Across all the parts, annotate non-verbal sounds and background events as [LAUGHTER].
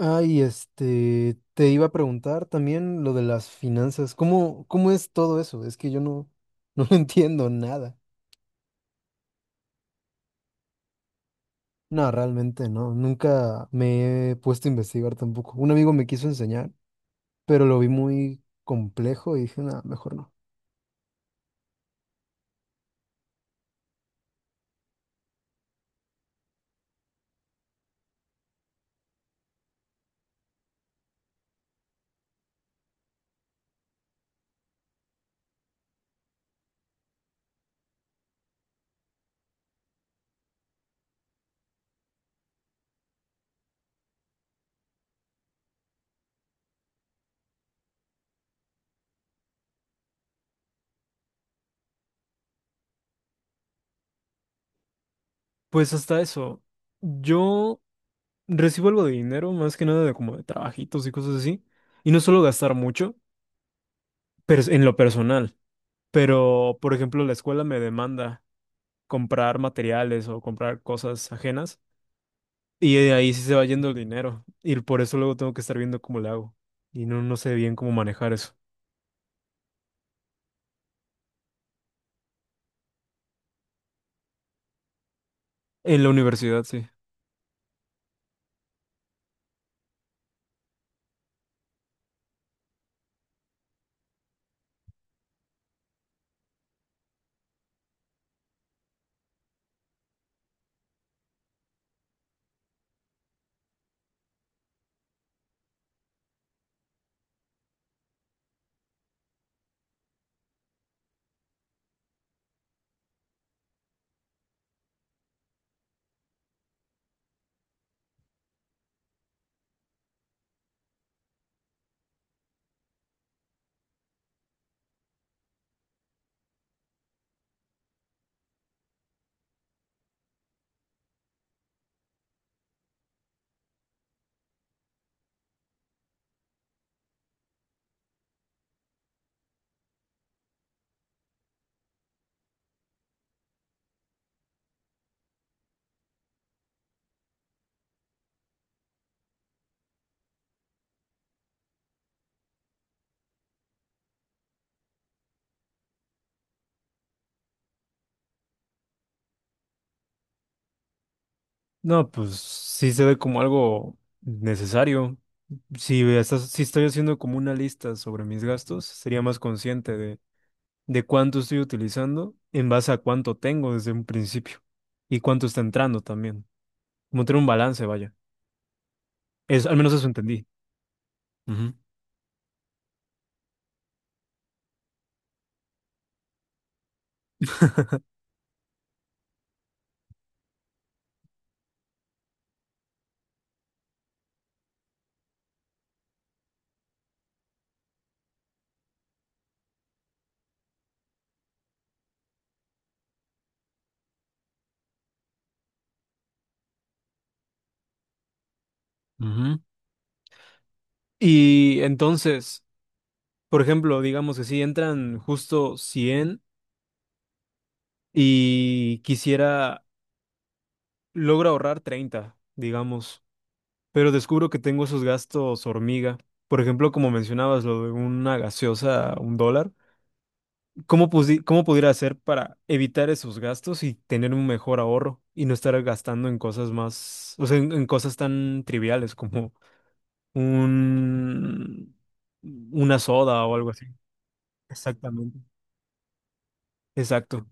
Ay, te iba a preguntar también lo de las finanzas. ¿Cómo es todo eso? Es que yo no, no [LAUGHS] entiendo nada. No, realmente no. Nunca me he puesto a investigar tampoco. Un amigo me quiso enseñar, pero lo vi muy complejo y dije, nada, mejor no. Pues hasta eso. Yo recibo algo de dinero, más que nada de como de trabajitos y cosas así. Y no suelo gastar mucho, pero en lo personal. Pero, por ejemplo, la escuela me demanda. Comprar materiales o comprar cosas ajenas. Y de ahí sí se va yendo el dinero. Y por eso luego tengo que estar viendo cómo lo hago. Y no, no sé bien cómo manejar eso. En la universidad, sí. No, pues sí se ve como algo necesario. Si estoy haciendo como una lista sobre mis gastos, sería más consciente de cuánto estoy utilizando en base a cuánto tengo desde un principio. Y cuánto está entrando también. Como tener un balance, vaya. Es, al menos eso entendí. Ujú, ujú. Y entonces, por ejemplo, digamos que si entran justo 100 y quisiera, logro ahorrar 30 digamos, pero descubro que tengo esos gastos hormiga. Por ejemplo, como mencionabas, lo de una gaseosa, $1. ¿Cómo, pudi cómo pudiera hacer para evitar esos gastos y tener un mejor ahorro y no estar gastando en cosas más, o sea, en cosas tan triviales como un, una soda o algo así? Exactamente. Exacto.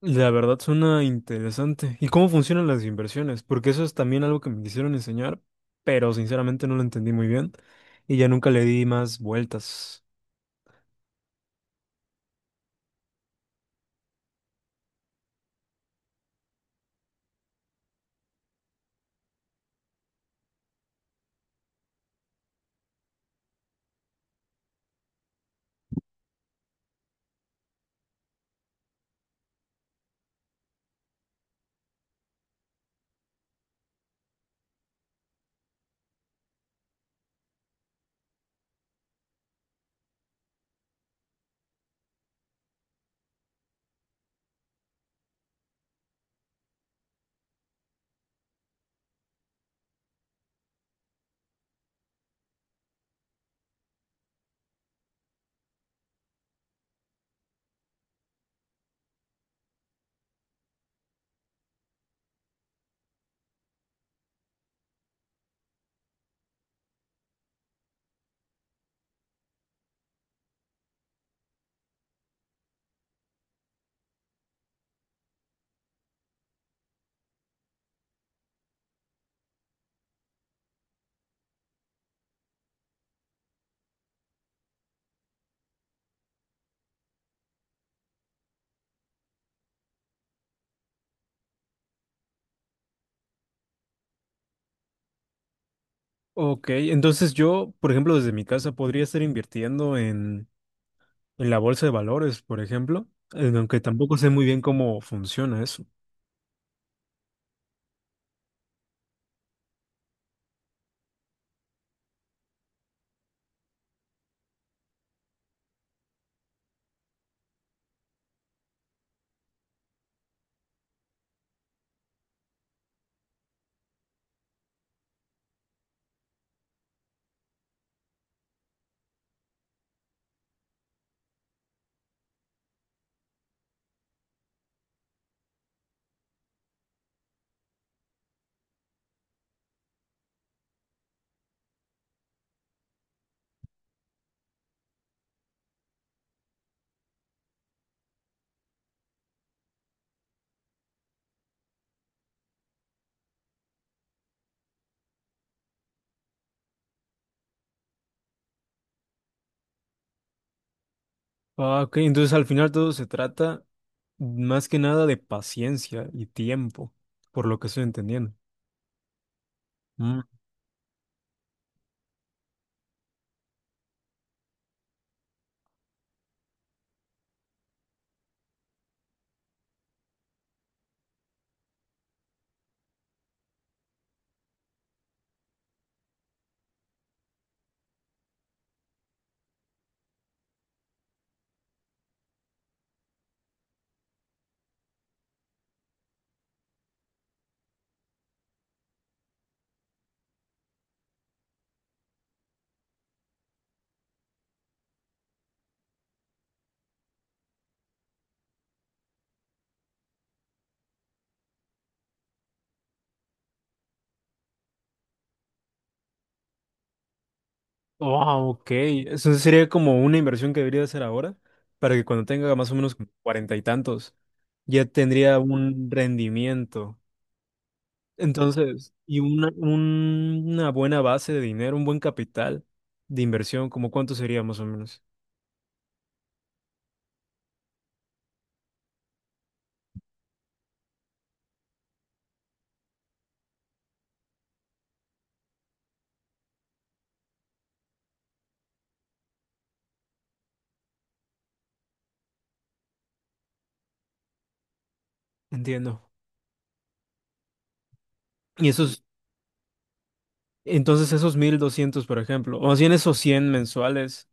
La verdad suena interesante. ¿Y cómo funcionan las inversiones? Porque eso es también algo que me quisieron enseñar, pero sinceramente no lo entendí muy bien y ya nunca le di más vueltas. Ok, entonces yo, por ejemplo, desde mi casa podría estar invirtiendo en la bolsa de valores, por ejemplo, aunque tampoco sé muy bien cómo funciona eso. Ah, ok, entonces al final todo se trata más que nada de paciencia y tiempo, por lo que estoy entendiendo. Mm. Wow, ok. Eso sería como una inversión que debería hacer ahora para que cuando tenga más o menos como cuarenta y tantos ya tendría un rendimiento. Entonces, y una buena base de dinero, un buen capital de inversión, como cuánto sería más o menos. Entiendo. Y esos, entonces esos 1,200, por ejemplo, o más bien esos 100 mensuales,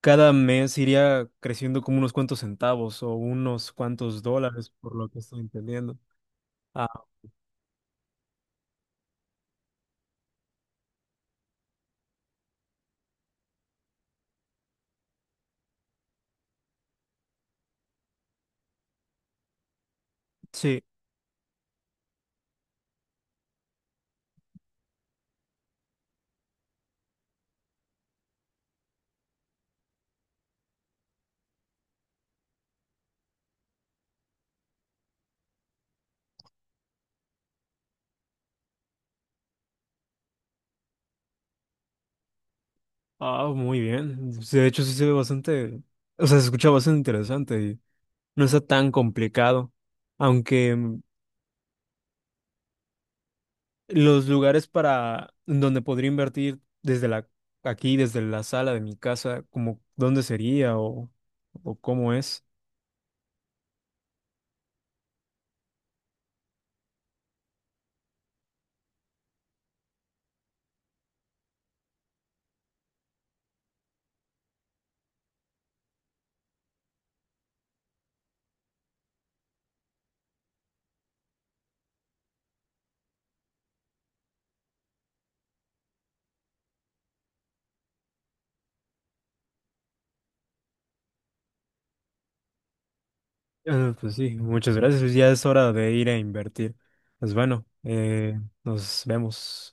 cada mes iría creciendo como unos cuantos centavos o unos cuantos dólares, por lo que estoy entendiendo. Ah, sí. Ah, muy bien. Sí, de hecho, sí se ve bastante, o sea, se escucha bastante interesante y no está tan complicado, aunque los lugares para en donde podría invertir desde la aquí, desde la sala de mi casa, como dónde sería o cómo es. Pues sí, muchas gracias. Ya es hora de ir a invertir. Pues bueno, nos vemos.